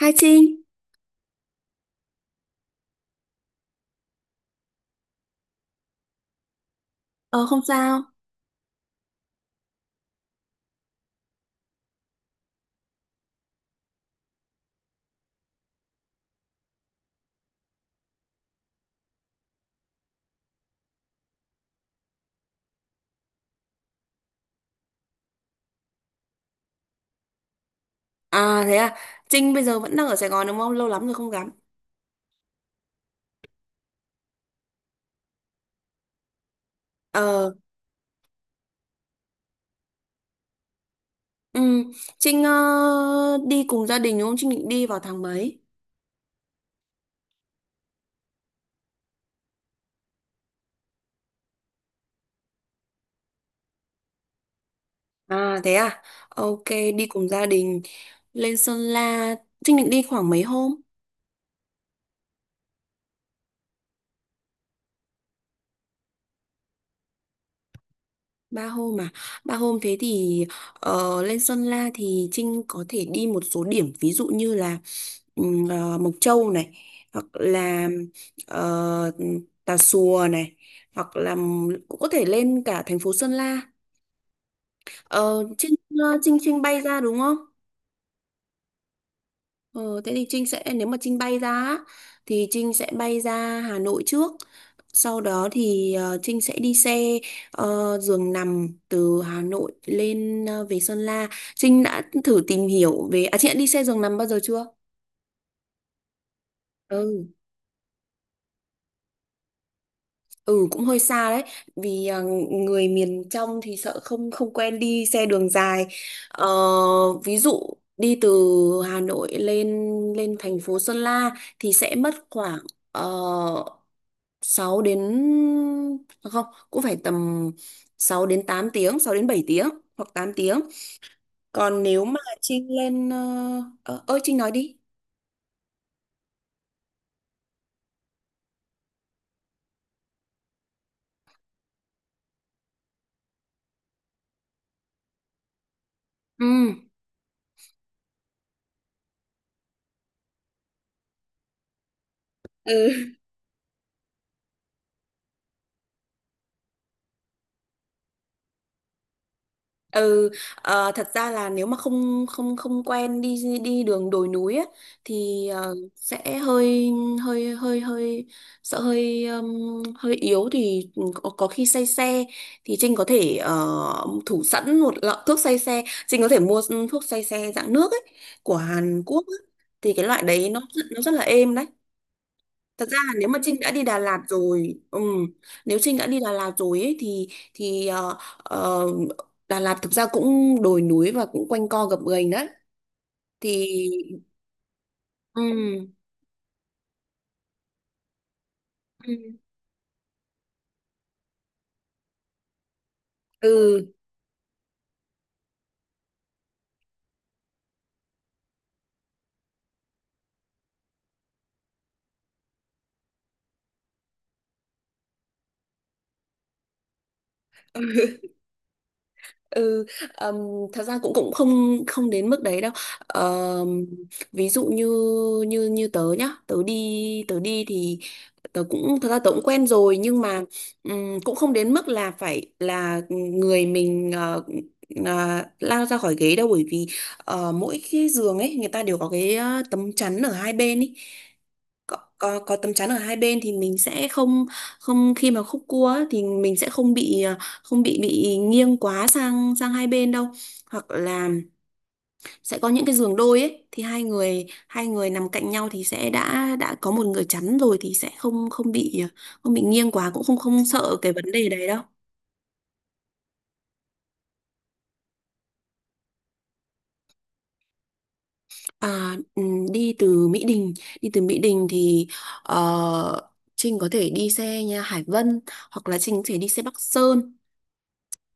Hai Trinh, ờ không sao. À thế à, Trinh bây giờ vẫn đang ở Sài Gòn đúng không? Lâu lắm rồi không gặp. Ờ, ừ, Trinh đi cùng gia đình đúng không? Trinh định đi vào tháng mấy? À thế à, ok, đi cùng gia đình lên Sơn La. Trinh định đi khoảng mấy hôm? 3 hôm à? Ba hôm thế thì lên Sơn La thì Trinh có thể đi một số điểm ví dụ như là Mộc Châu này, hoặc là ờ, Tà Xùa này, hoặc là cũng có thể lên cả thành phố Sơn La. Ờ, Trinh ờ, Trinh Trinh bay ra đúng không? Ờ, Thế thì Trinh sẽ, nếu mà Trinh bay ra á, thì Trinh sẽ bay ra Hà Nội trước, sau đó thì Trinh sẽ đi xe giường nằm từ Hà Nội lên về Sơn La. Trinh đã thử tìm hiểu về chị đã đi xe giường nằm bao giờ chưa? Ừ, cũng hơi xa đấy, vì người miền trong thì sợ không không quen đi xe đường dài. ờ, Ví dụ đi từ Hà Nội lên lên thành phố Sơn La thì sẽ mất khoảng uh, 6 tiếng đến không, cũng phải tầm 6 đến 8 tiếng, 6 đến 7 tiếng hoặc 8 tiếng. Còn nếu mà Trinh lên ơi Trinh nói đi. Ừ. ừ. Ừ, thật ra là nếu mà không không không quen đi đi đường đồi núi á, thì sẽ hơi hơi hơi hơi sợ, hơi hơi yếu thì có khi say xe. Thì Trinh có thể thủ sẵn một lọ thuốc say xe, Trinh có thể mua thuốc say xe dạng nước ấy của Hàn Quốc á. Thì cái loại đấy nó rất là êm đấy. Thật ra là nếu mà Trinh đã đi Đà Lạt rồi, nếu Trinh đã đi Đà Lạt rồi ấy, thì Đà Lạt thực ra cũng đồi núi và cũng quanh co gập ghềnh đấy. Thì ừm, ừm, ừ. Ừ, ừm, thật ra cũng cũng không không đến mức đấy đâu. Ờm, Ví dụ như như như tớ nhá, tớ đi thì tớ cũng, thật ra tớ cũng quen rồi, nhưng mà cũng không đến mức là phải là người mình lao ra khỏi ghế đâu, bởi vì mỗi cái giường ấy người ta đều có cái tấm chắn ở hai bên ý. Có tấm chắn ở hai bên thì mình sẽ không không, khi mà khúc cua á, thì mình sẽ không bị không bị nghiêng quá sang sang hai bên đâu. Hoặc là sẽ có những cái giường đôi ấy, thì hai người nằm cạnh nhau thì sẽ đã có một người chắn rồi, thì sẽ không không bị không bị nghiêng quá, cũng không không sợ cái vấn đề đấy đâu. À, đi từ Mỹ Đình đi từ Mỹ Đình thì ờ, Trinh có thể đi xe nha Hải Vân, hoặc là Trinh có thể đi xe Bắc Sơn.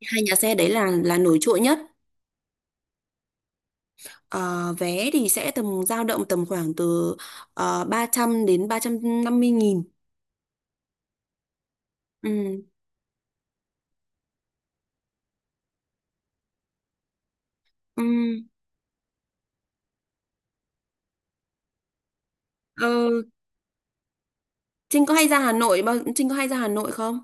Hai nhà xe đấy là nổi trội nhất. Ờ, Vé thì sẽ tầm, dao động tầm khoảng từ 300 đến 350 nghìn. Ừ. Ừ. Ờ, Trinh có hay ra Hà Nội Trinh có hay ra Hà Nội không?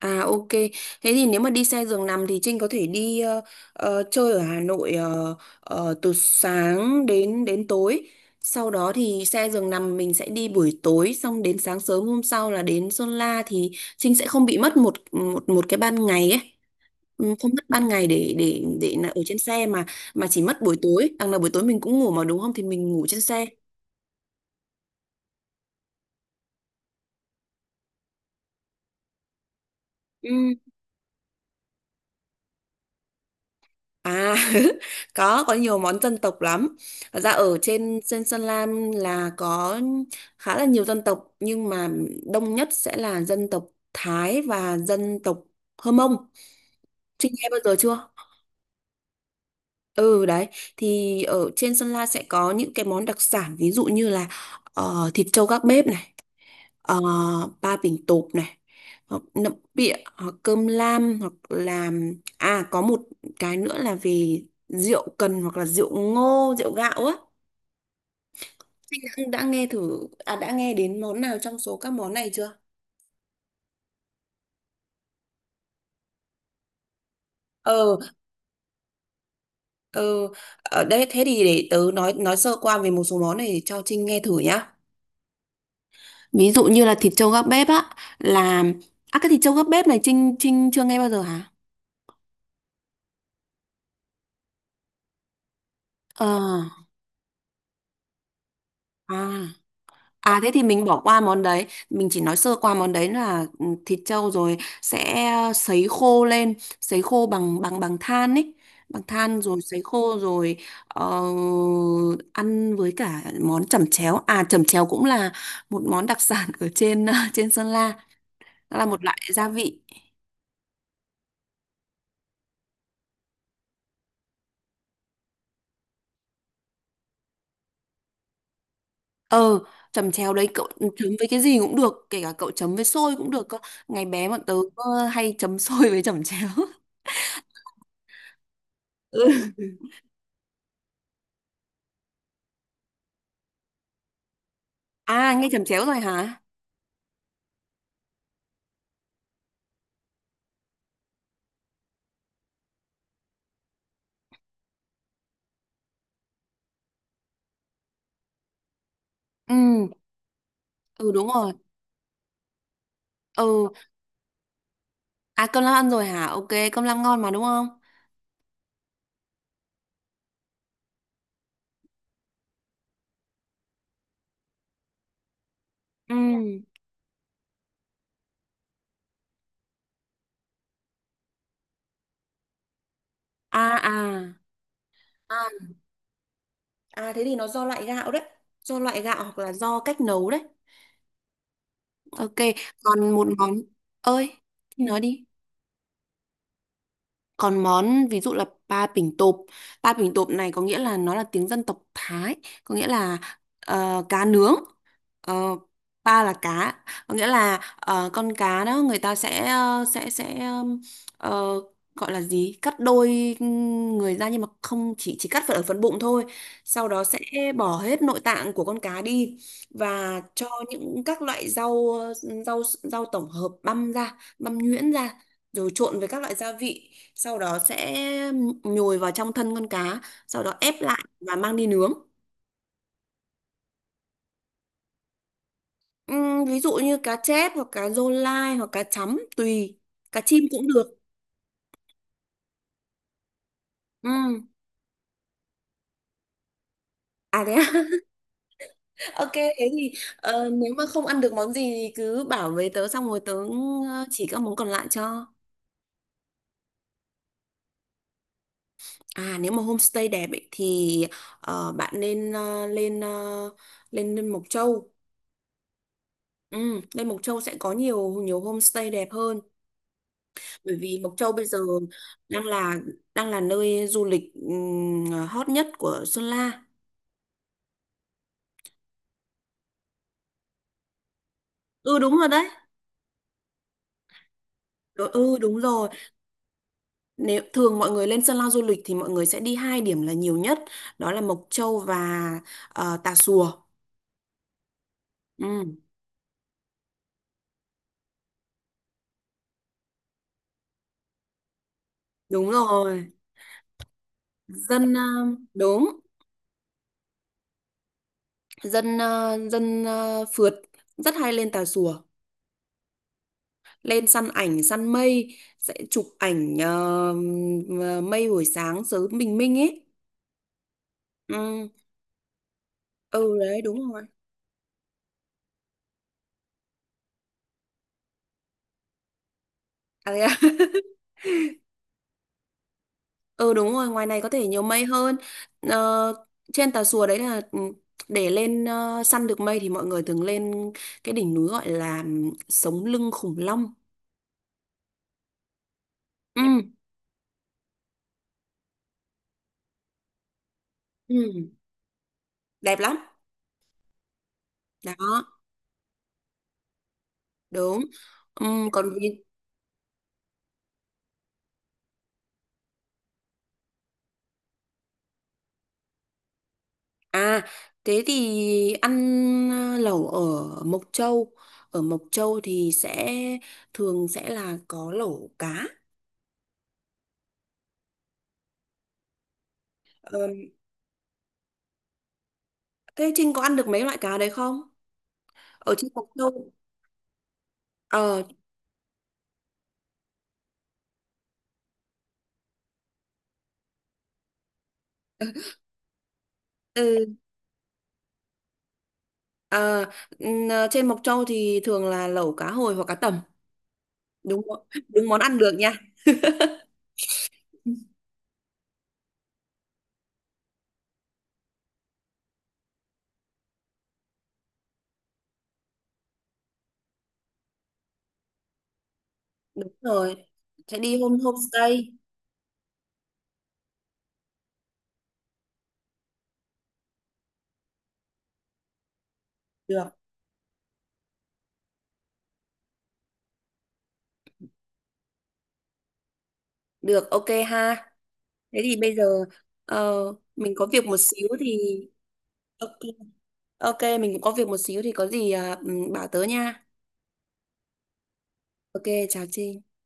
À ok, thế thì nếu mà đi xe giường nằm thì Trinh có thể đi chơi ở Hà Nội từ sáng đến đến tối. Sau đó thì xe giường nằm mình sẽ đi buổi tối, xong đến sáng sớm hôm sau là đến Sơn La, thì Trinh sẽ không bị mất một một một cái ban ngày ấy. Ừ, không mất ban ngày để là ở trên xe, mà chỉ mất buổi tối, đằng nào buổi tối mình cũng ngủ mà đúng không, thì mình ngủ trên xe. Ừ. À, có nhiều món dân tộc lắm. Thật ra ở trên trên Sơn La là có khá là nhiều dân tộc, nhưng mà đông nhất sẽ là dân tộc Thái và dân tộc Hơ Mông. Trinh nghe bao giờ chưa? Ừ đấy, thì ở trên Sơn La sẽ có những cái món đặc sản, ví dụ như là thịt trâu gác bếp này, ờ, ba bình tộp này, hoặc nậm bịa, hoặc cơm lam, hoặc là có một cái nữa là về rượu cần, hoặc là rượu ngô, rượu gạo á. Anh đã nghe đến món nào trong số các món này chưa? ờ ờ Ở đây thế thì để tớ nói sơ qua về một số món này để cho Trinh nghe thử nhá. Ví dụ như là thịt trâu gác bếp á, là cái thịt trâu gác bếp này Trinh Trinh chưa nghe bao giờ hả? ờ à À thế thì mình bỏ qua món đấy, mình chỉ nói sơ qua món đấy là thịt trâu rồi sẽ sấy khô lên, sấy khô bằng bằng bằng than ấy, bằng than rồi sấy khô rồi ờ, ăn với cả món chẩm chéo. À, chẩm chéo cũng là một món đặc sản ở trên trên Sơn La, nó là một loại gia vị. Ờ, chẩm chéo đấy cậu chấm với cái gì cũng được, kể cả cậu chấm với xôi cũng được cơ. Ngày bé bọn tớ hay chấm xôi với chẩm chéo. Ừ. À, nghe chẩm chéo rồi hả? Ừ, ừ, đúng rồi. Ừ, à, cơm lam ăn rồi hả? Ok, cơm lam ngon mà đúng không? Ừ. À, à. À, à thế thì nó do loại gạo đấy. Do loại gạo hoặc là do cách nấu đấy. Ok, còn một món. Ơi, thì nói đi. Còn món ví dụ là pa pỉnh tộp này có nghĩa là, nó là tiếng dân tộc Thái, có nghĩa là cá nướng. Ờ, pa là cá, có nghĩa là con cá đó người ta sẽ ờ, gọi là gì? Cắt đôi người ra nhưng mà không chỉ cắt ở phần bụng thôi. Sau đó sẽ bỏ hết nội tạng của con cá đi, và cho những các loại rau rau rau tổng hợp băm ra, băm nhuyễn ra, rồi trộn với các loại gia vị, sau đó sẽ nhồi vào trong thân con cá, sau đó ép lại và mang đi nướng. Ví dụ như cá chép, hoặc cá rô lai, hoặc cá chấm, tùy, cá chim cũng được. Ừm. À thế à? Ok, thế thì nếu mà không ăn được món gì thì cứ bảo với tớ, xong rồi tớ chỉ các món còn lại cho. À, nếu mà homestay đẹp ấy, thì bạn nên ờ, lên lên Mộc Châu. Lên Mộc Châu sẽ có nhiều nhiều homestay đẹp hơn, bởi vì Mộc Châu bây giờ đang là đang là nơi du lịch hot nhất của Sơn La. Ừ, đúng rồi đấy. Ừ, ừ, đúng rồi. Nếu thường mọi người lên Sơn La du lịch thì mọi người sẽ đi hai điểm là nhiều nhất, đó là Mộc Châu và Tà Xùa. Ừ, đúng rồi. Dân ờ, đúng dân ờ, dân ờ, phượt rất hay lên Tà Xùa. Lên săn ảnh, săn mây, sẽ chụp ảnh mây buổi sáng sớm, bình minh ấy. Ừ. Ừ đấy, đúng rồi. À, thế à? Ừ, đúng rồi, ngoài này có thể nhiều mây hơn. Ờ, trên Tà Xùa đấy là, để lên săn được mây thì mọi người thường lên cái đỉnh núi gọi là Sống Lưng Khủng Long. Ừ, ừ, đẹp lắm. Đó, đúng. Ừ, còn gì? À, thế thì ăn lẩu ở Mộc Châu. Ở Mộc Châu thì sẽ, thường sẽ là có lẩu cá. Ờ, thế Trinh có ăn được mấy loại cá đấy không? Ở trên Mộc Châu Ờ, ừ, ờ, trên Mộc Châu thì thường là lẩu cá hồi hoặc cá tầm. Đúng không? Đúng món ăn được nha. Đúng rồi. Sẽ đi homestay. Được. Được, ok ha. Thế thì bây giờ ờ, mình có việc một xíu thì ok. Ok, mình cũng có việc một xíu thì có gì bảo tớ nha. Ok, chào Trinh.